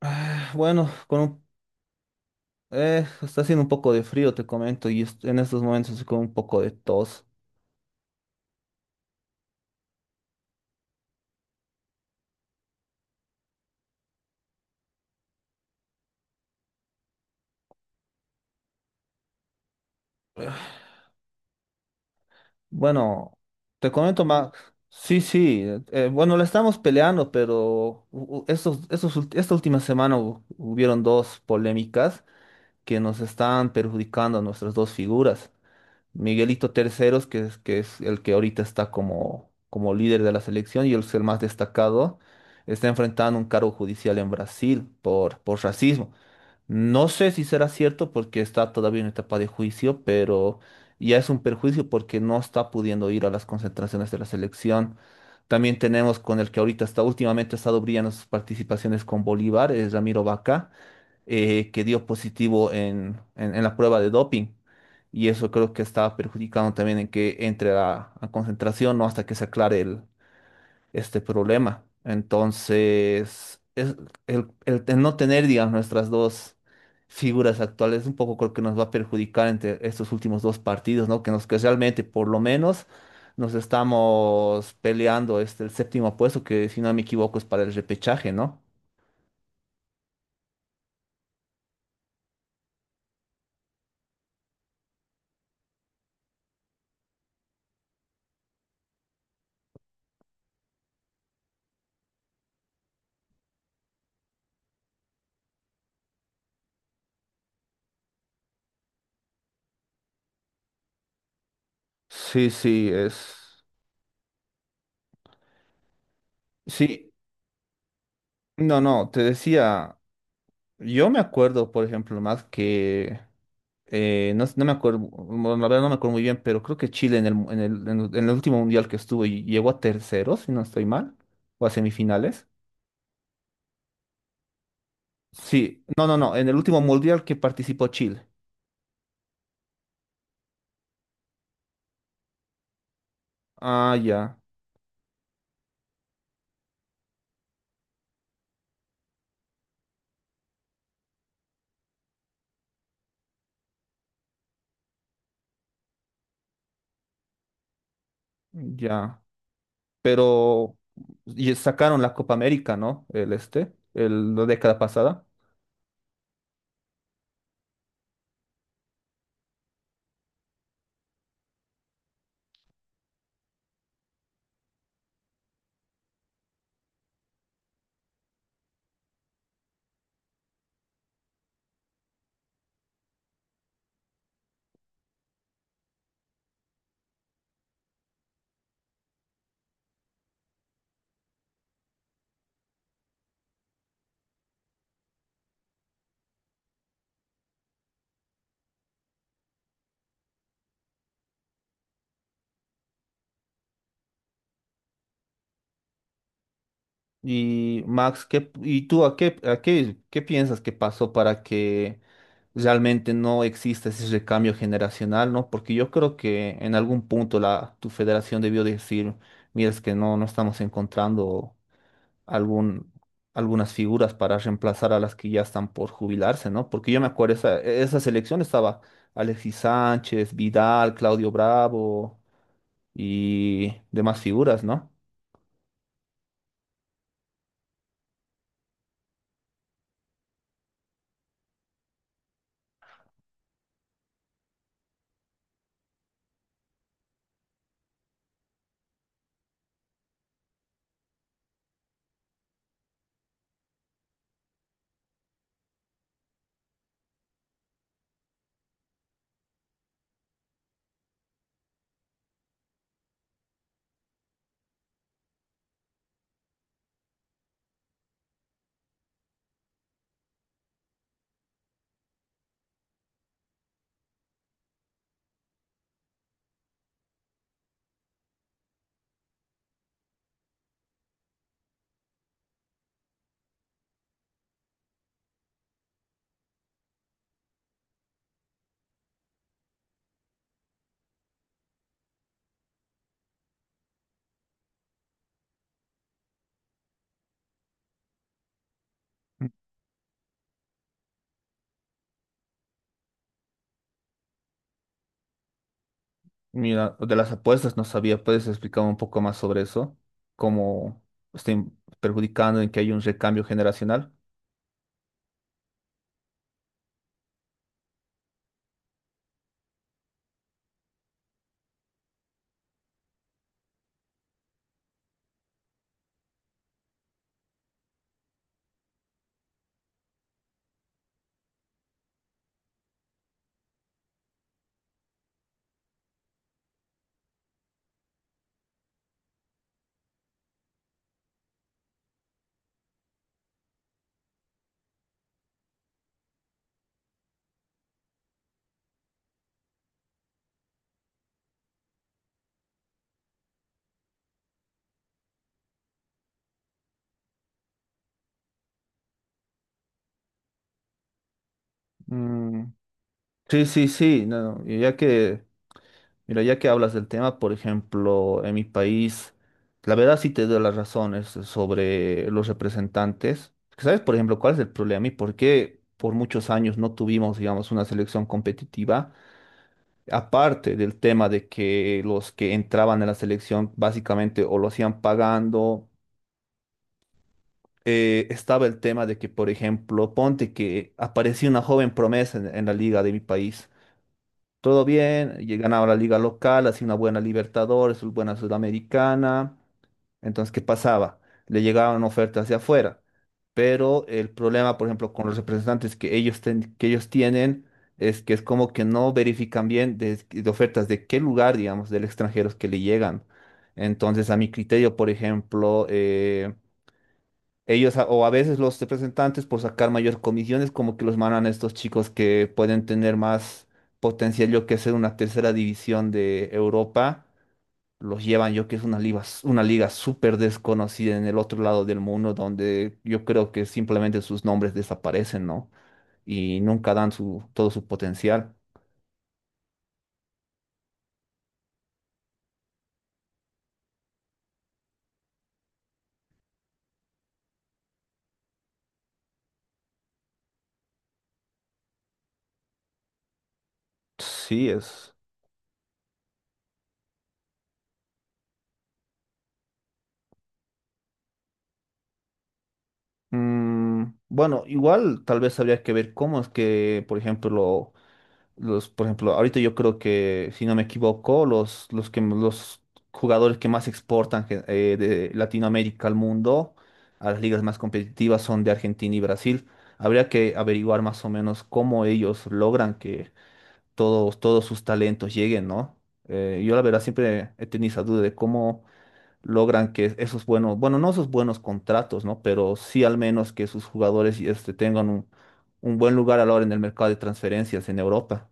Ah, bueno, con un, está haciendo un poco de frío, te comento, y en estos momentos estoy con un poco de tos. Bueno, te comento, más. Sí, sí, bueno, la estamos peleando, pero estos esta última semana hubieron dos polémicas que nos están perjudicando a nuestras dos figuras. Miguelito Terceros, que es el que ahorita está como, como líder de la selección y es el más destacado, está enfrentando un cargo judicial en Brasil por racismo. No sé si será cierto porque está todavía en etapa de juicio, pero ya es un perjuicio porque no está pudiendo ir a las concentraciones de la selección. También tenemos con el que ahorita está, últimamente ha estado brillando sus participaciones con Bolívar, es Ramiro Vaca, que dio positivo en, en la prueba de doping. Y eso creo que está perjudicando también en que entre a concentración, ¿no? Hasta que se aclare el, este problema. Entonces, es el, no tener, digamos, nuestras dos figuras actuales, un poco creo que nos va a perjudicar entre estos últimos dos partidos, ¿no? Que nos que realmente, por lo menos, nos estamos peleando este el séptimo puesto, que si no me equivoco es para el repechaje, ¿no? Sí, sí, es. Sí, no, no, te decía, yo me acuerdo, por ejemplo, más que no, no me acuerdo, bueno, la verdad no me acuerdo muy bien, pero creo que Chile en el último mundial que estuvo llegó a terceros, si no estoy mal, o a semifinales. Sí, no, no, no, en el último mundial que participó Chile. Ah, ya, ya. Pero y sacaron la Copa América, ¿no? El este, el, la década pasada. Y Max, ¿qué, y tú a qué, qué piensas que pasó para que realmente no exista ese recambio generacional, ¿no? Porque yo creo que en algún punto tu federación debió decir, mira, es que no, no estamos encontrando algún, algunas figuras para reemplazar a las que ya están por jubilarse, ¿no? Porque yo me acuerdo, esa selección estaba Alexis Sánchez, Vidal, Claudio Bravo y demás figuras, ¿no? Mira, de las apuestas no sabía, ¿puedes explicar un poco más sobre eso? ¿Cómo estén perjudicando en que hay un recambio generacional? Mm, sí, sí, sí, no, y ya que, mira, ya que hablas del tema, por ejemplo, en mi país, la verdad sí te doy las razones sobre los representantes. ¿Sabes, por ejemplo, cuál es el problema y por qué por muchos años no tuvimos, digamos, una selección competitiva? Aparte del tema de que los que entraban en la selección básicamente o lo hacían pagando, estaba el tema de que, por ejemplo, ponte que aparecía una joven promesa en la liga de mi país todo bien, y ganaba la liga local, hacía una buena Libertadores, una buena Sudamericana. Entonces, ¿qué pasaba? Le llegaban ofertas hacia afuera, pero el problema, por ejemplo, con los representantes que ellos, que ellos tienen es que es como que no verifican bien de ofertas de qué lugar, digamos, del extranjero es que le llegan. Entonces, a mi criterio, por ejemplo, ellos o a veces los representantes por sacar mayor comisiones como que los mandan a estos chicos que pueden tener más potencial, yo que sé, una tercera división de Europa. Los llevan, yo que es una liga, una liga súper desconocida en el otro lado del mundo, donde yo creo que simplemente sus nombres desaparecen, ¿no? Y nunca dan su, todo su potencial. Sí, es. Mm, bueno, igual tal vez habría que ver cómo es que, por ejemplo, los, por ejemplo, ahorita yo creo que, si no me equivoco, los jugadores que más exportan de Latinoamérica al mundo, a las ligas más competitivas, son de Argentina y Brasil. Habría que averiguar más o menos cómo ellos logran que todos sus talentos lleguen, ¿no? Yo la verdad siempre he tenido esa duda de cómo logran que esos buenos, bueno, no esos buenos contratos, ¿no? Pero sí al menos que sus jugadores este, tengan un buen lugar a la hora en el mercado de transferencias en Europa.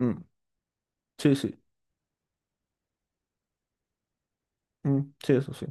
Mm. Sí, sí. Mm, sí, eso sí.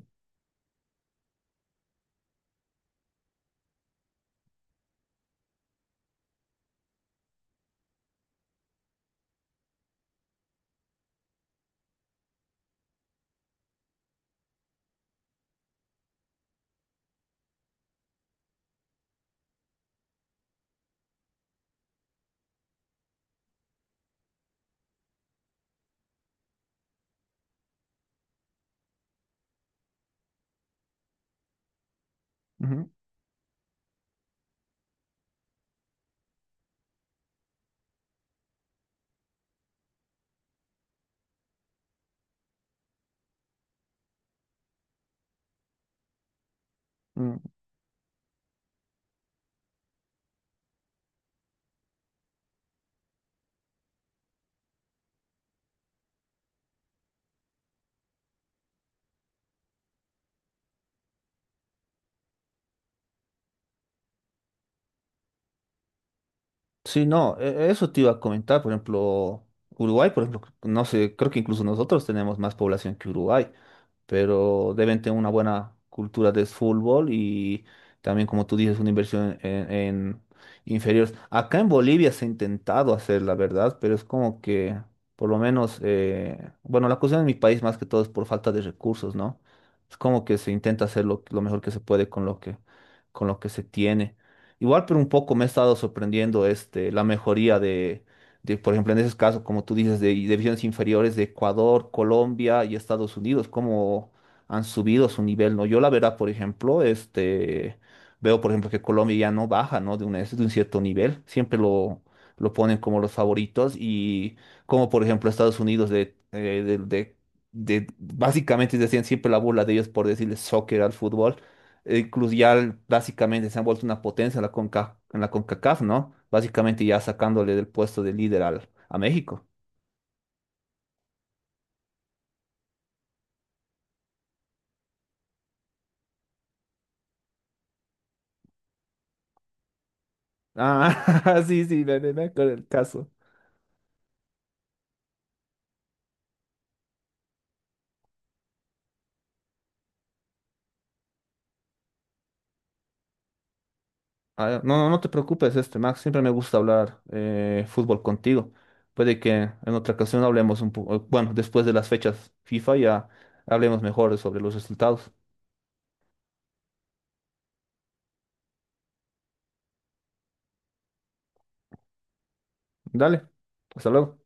Ujú, mm. Sí, no, eso te iba a comentar, por ejemplo, Uruguay, por ejemplo, no sé, creo que incluso nosotros tenemos más población que Uruguay, pero deben tener una buena cultura de fútbol y también, como tú dices, una inversión en inferiores. Acá en Bolivia se ha intentado hacer, la verdad, pero es como que, por lo menos, bueno, la cuestión en mi país más que todo es por falta de recursos, ¿no? Es como que se intenta hacer lo mejor que se puede con lo que se tiene. Igual, pero un poco me ha estado sorprendiendo este, la mejoría de, por ejemplo, en esos casos, como tú dices, de divisiones inferiores de Ecuador, Colombia y Estados Unidos, cómo han subido su nivel, ¿no? Yo la verdad, por ejemplo, este, veo, por ejemplo, que Colombia ya no baja, ¿no? De un cierto nivel, siempre lo ponen como los favoritos y como, por ejemplo, Estados Unidos básicamente decían siempre la burla de ellos por decirles soccer al fútbol, ya básicamente se han vuelto una potencia en la Conca, en la CONCACAF, ¿no? Básicamente ya sacándole del puesto de líder al, a México. Ah, sí, sí, me, me acuerdo el caso. Ah, no, no, no te preocupes, este, Max, siempre me gusta hablar fútbol contigo. Puede que en otra ocasión hablemos un poco, bueno, después de las fechas FIFA ya hablemos mejor sobre los resultados. Dale, hasta luego.